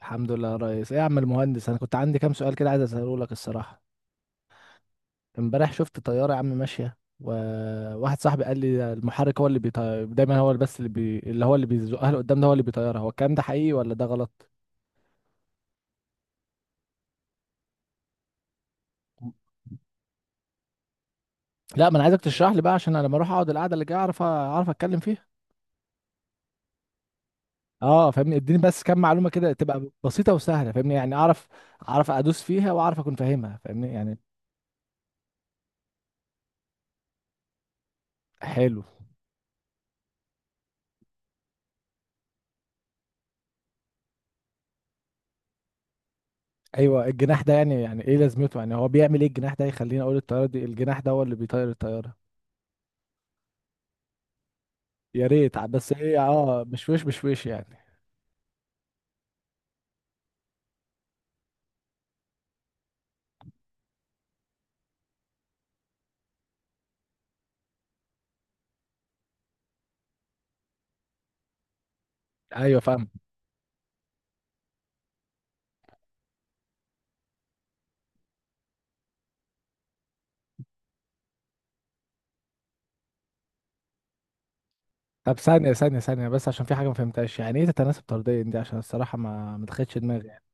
الحمد لله يا ريس. ايه يا عم المهندس، انا كنت عندي كام سؤال كده عايز اساله لك الصراحه. امبارح شفت طياره يا عم ماشيه، وواحد صاحبي قال لي ده المحرك هو اللي بيطير دايما، هو اللي بس اللي بي... اللي هو اللي بيزقها لقدام، ده هو اللي بيطيرها، هو الكلام ده حقيقي ولا ده غلط؟ لا، ما انا عايزك تشرح لي بقى، عشان انا لما اروح اقعد القعده اللي جايه اعرف اتكلم فيها. اه فاهمني، اديني بس كام معلومه كده تبقى بسيطه وسهله، فاهمني يعني، اعرف ادوس فيها واعرف اكون فاهمها، فاهمني يعني. حلو. ايوه، الجناح ده يعني ايه لازمته، يعني هو بيعمل ايه الجناح ده يخليني اقول الطياره دي الجناح ده هو اللي بيطير الطياره؟ يا ريت، بس ايه، مش وش يعني. ايوه فاهم. طب، ثانيه بس، عشان في حاجه ما فهمتهاش، يعني ايه تتناسب طرديا دي؟ عشان الصراحه ما دخلتش دماغي يعني.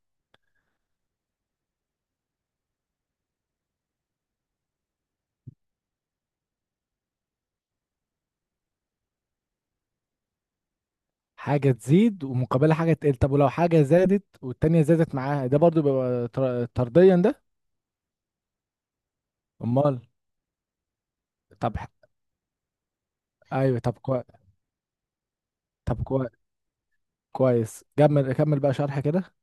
حاجه تزيد ومقابلها حاجه تقل، طب ولو حاجه زادت والتانيه زادت معاها ده برضو بيبقى طرديا ده؟ امال. طب ايوه، طب كويس. طب كويس. كويس، كمل كمل بقى شرح كده.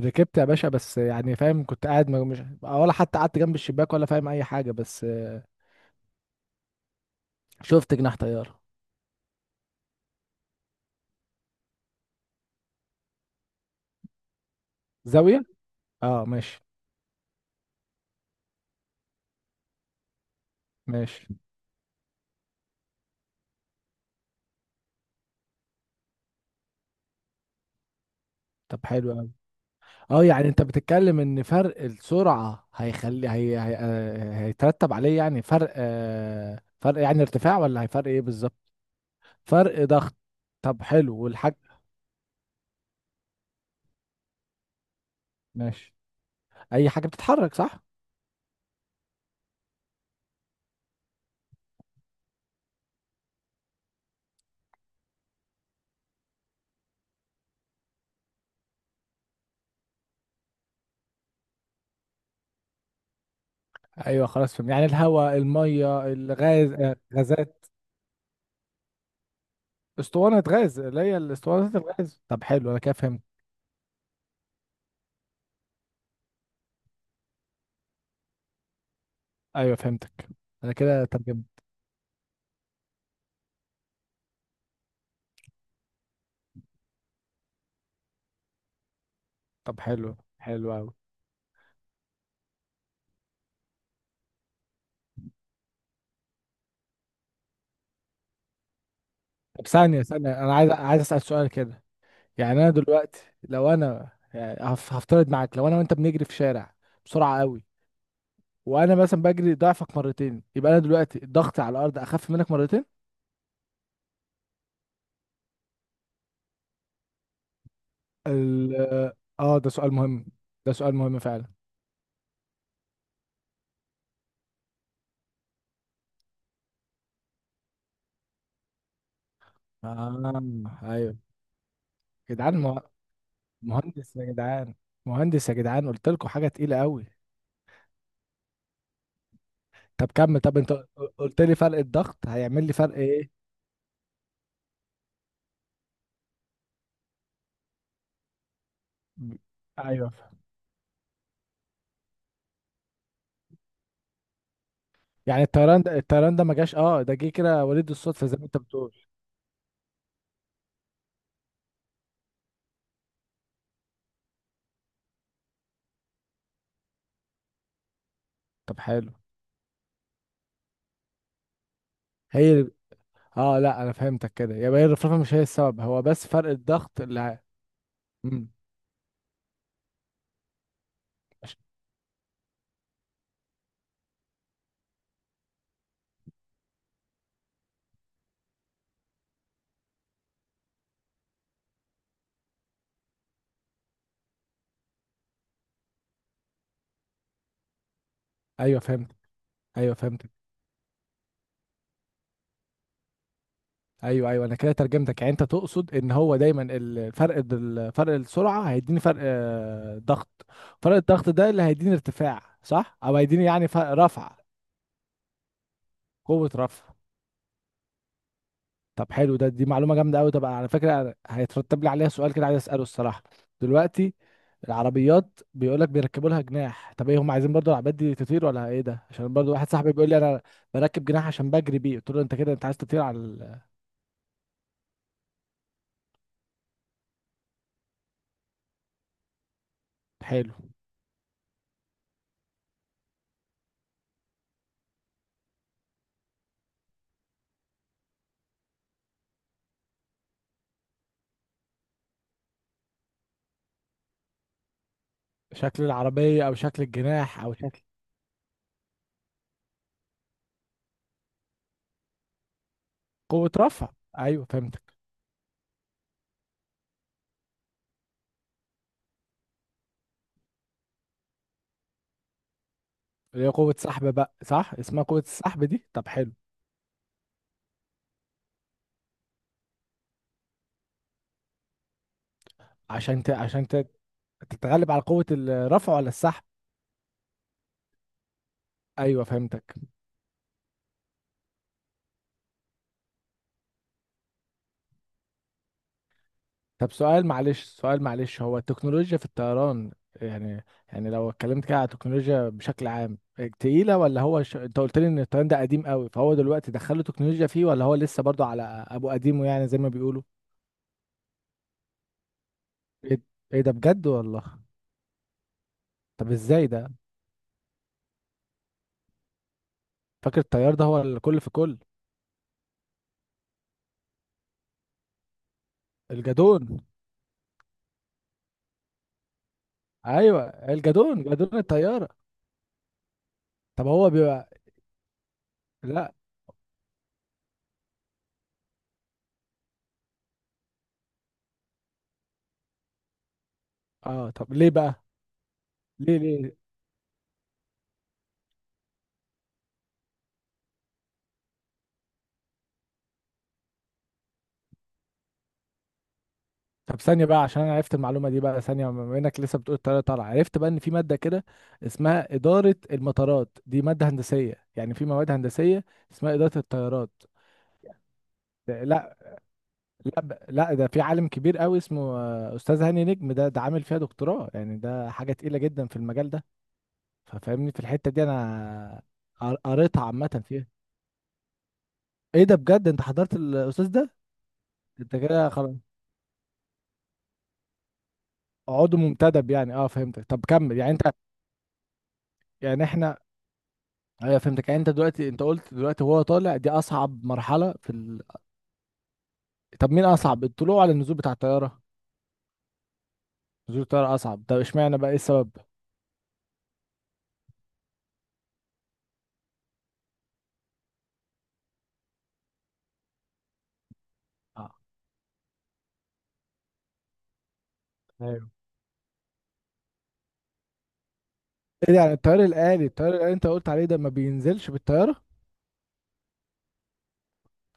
ركبت يا باشا، بس يعني فاهم، كنت قاعد مش ولا حتى قعدت جنب الشباك ولا فاهم اي حاجه بس شفت جناح طياره. زاويه. اه ماشي. ماشي. طب حلو قوي. اه يعني انت بتتكلم ان فرق السرعه هيخلي هي... هي... آه، هيترتب عليه يعني فرق، فرق يعني ارتفاع، ولا هيفرق ايه بالظبط؟ فرق ضغط. طب حلو، والحاجه. ماشي. اي حاجه بتتحرك، صح؟ ايوه خلاص فهم، يعني الهواء، الميه، الغاز، غازات. اسطوانة غاز اللي هي الاسطوانة الغاز، طب حلو، انا كده فهمت. ايوه فهمتك، انا كده ترجمت. طب حلو، حلو قوي. طب ثانية انا عايز اسأل سؤال كده. يعني انا دلوقتي لو انا يعني هفترض معاك، لو انا وانت بنجري في شارع بسرعة قوي، وانا مثلا بجري ضعفك مرتين، يبقى انا دلوقتي ضغطي على الارض اخف منك مرتين. ال اه ده سؤال مهم. ده سؤال مهم فعلا. آه ايوه. يا جدعان مهندس يا جدعان. مهندس يا جدعان، قلت لكم حاجة تقيلة قوي. طب كمل. طب انت قلت لي فرق الضغط هيعمل لي فرق ايه؟ ب- ايوه. يعني الطيران ده، ما جاش، اه، ده جه كده وليد الصدفه زي ما انت بتقول. طب حلو. هي ال- اه لا، انا فهمتك كده، يبقى هي الرفرفه مش هي السبب، هو بس فرق الضغط اللي مم. مش- ايوه فهمت. ايوه فهمت. ايوه ايوه، انا كده ترجمتك، يعني انت تقصد ان هو دايما الفرق، فرق السرعه، هيديني فرق ضغط. فرق الضغط ده اللي هيديني ارتفاع، صح؟ او هيديني يعني فرق رفع. قوه رفع. طب حلو ده، دي معلومة جامدة قوي. طب على فكرة، أنا هيترتب لي عليها سؤال كده عايز أسأله الصراحة. دلوقتي العربيات بيقول لك بيركبوا لها جناح، طب ايه هم عايزين برضو العربيات دي تطير ولا ايه ده؟ عشان برضو واحد صاحبي بيقول لي انا بركب جناح عشان بجري بيه، قلت له انت كده انت عايز تطير على حلو. شكل العربية، او شكل الجناح، او شكل. قوة رفع. ايوه فهمتك. اللي هي قوة سحب بقى، صح؟ اسمها قوة السحب دي. طب حلو. عشان ت... عشان ت... تتغلب على قوة الرفع ولا السحب؟ ايوه فهمتك. طب سؤال معلش، سؤال معلش، هو التكنولوجيا في الطيران يعني، يعني لو اتكلمت كده على التكنولوجيا بشكل عام تقيلة؟ ولا هو انت قلت لي ان الطيران ده قديم قوي، فهو دلوقتي دخلوا تكنولوجيا فيه ولا هو لسه برضو على ابو قديمه يعني زي ما بيقولوا؟ ايه، إيه ده بجد والله؟ طب ازاي ده؟ فاكر الطيار ده هو الكل في كل. الجدون. ايوه الجدون، جدون الطيارة. طب هو بيبقى. لا. اه طب ليه بقى؟ ليه ليه؟ طب ثانية بقى، عشان أنا عرفت المعلومة دي بقى ثانية، بما إنك لسه بتقول الطيارة طالعة، عرفت بقى إن في مادة كده اسمها إدارة المطارات، دي مادة هندسية يعني، في مواد هندسية اسمها إدارة الطيارات؟ لا. لا لا، ده في عالم كبير قوي اسمه، أستاذ هاني نجم، ده عامل فيها دكتوراه، يعني ده حاجة تقيلة جدا في المجال ده. ففاهمني في الحتة دي أنا، قريتها عامة فيها. إيه ده بجد، أنت حضرت الأستاذ ده؟ أنت كده خلاص عضو منتدب يعني، أه فهمتك. طب كمل، يعني أنت. يعني إحنا. ايوه فهمتك، يعني انت دلوقتي قلت دلوقتي هو طالع دي اصعب مرحله في طب مين اصعب، الطلوع ولا النزول بتاع الطياره؟ نزول الطياره اصعب، طب اشمعنى بقى، ايه السبب؟ آه. ايوه. ايه ده، يعني الطيار الآلي؟ الطيار الآلي انت قلت عليه ده ما بينزلش بالطيارة.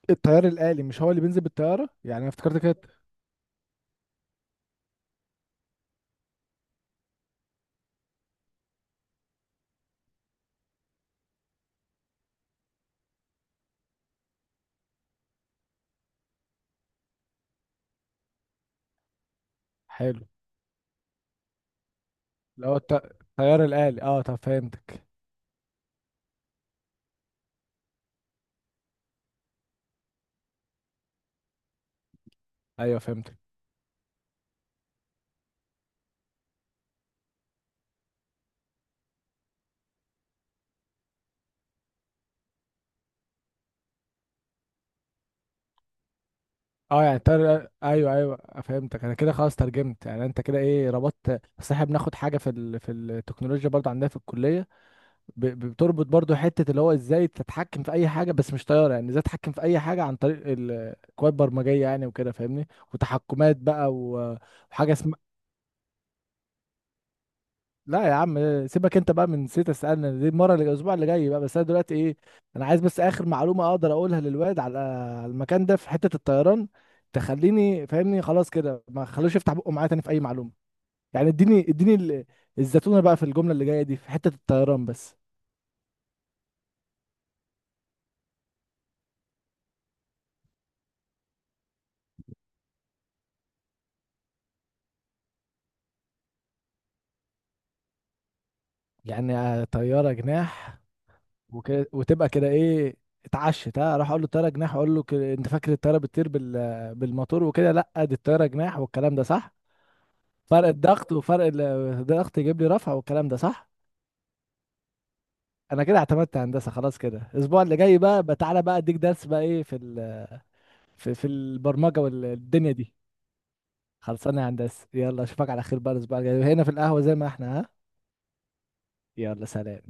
الطيار الآلي مش هو اللي بينزل بالطيارة؟ يعني انا افتكرت كده. حلو. اللي هو الط- الطيار الآلي، اه طب فهمتك. ايوه فهمتك. اه يعني الطيار الآلي. ايوه ايوه فهمتك. انا كده خلاص ترجمت، يعني انت كده ايه ربطت، اصل احنا بناخد حاجة في في التكنولوجيا برضه عندنا في الكلية. بتربط برضو حتة اللي هو ازاي تتحكم في اي حاجة، بس مش طيارة، يعني ازاي تتحكم في اي حاجة عن طريق الكواد برمجية يعني وكده، فاهمني، وتحكمات بقى وحاجة اسمها. لا يا عم سيبك انت بقى من نسيت اسالنا دي، المرة اللي، الاسبوع اللي جاي بقى. بس انا دلوقتي ايه، انا عايز بس اخر معلومة اقدر اقولها للواد على على المكان ده في حتة الطيران تخليني فاهمني، خلاص كده ما خلوش يفتح بقه معايا تاني في اي معلومة، يعني اديني الزتونة بقى في الجملة اللي جاية دي في حتة الطيران بس. يعني طيارة جناح وكده، وتبقى كده ايه. اتعشت، ها راح اقول له الطياره جناح، اقول له انت فاكر الطياره بتطير بالموتور وكده، لا دي الطياره جناح والكلام ده صح. فرق الضغط، وفرق الضغط يجيب لي رفع، والكلام ده صح. انا كده اعتمدت هندسه خلاص كده. الاسبوع اللي جاي بقى بقى تعالى بقى اديك درس بقى ايه في في, البرمجه والدنيا دي. خلصانه يا هندسه، يلا اشوفك على خير بقى الاسبوع الجاي هنا في القهوه زي ما احنا، ها. يلا سلام.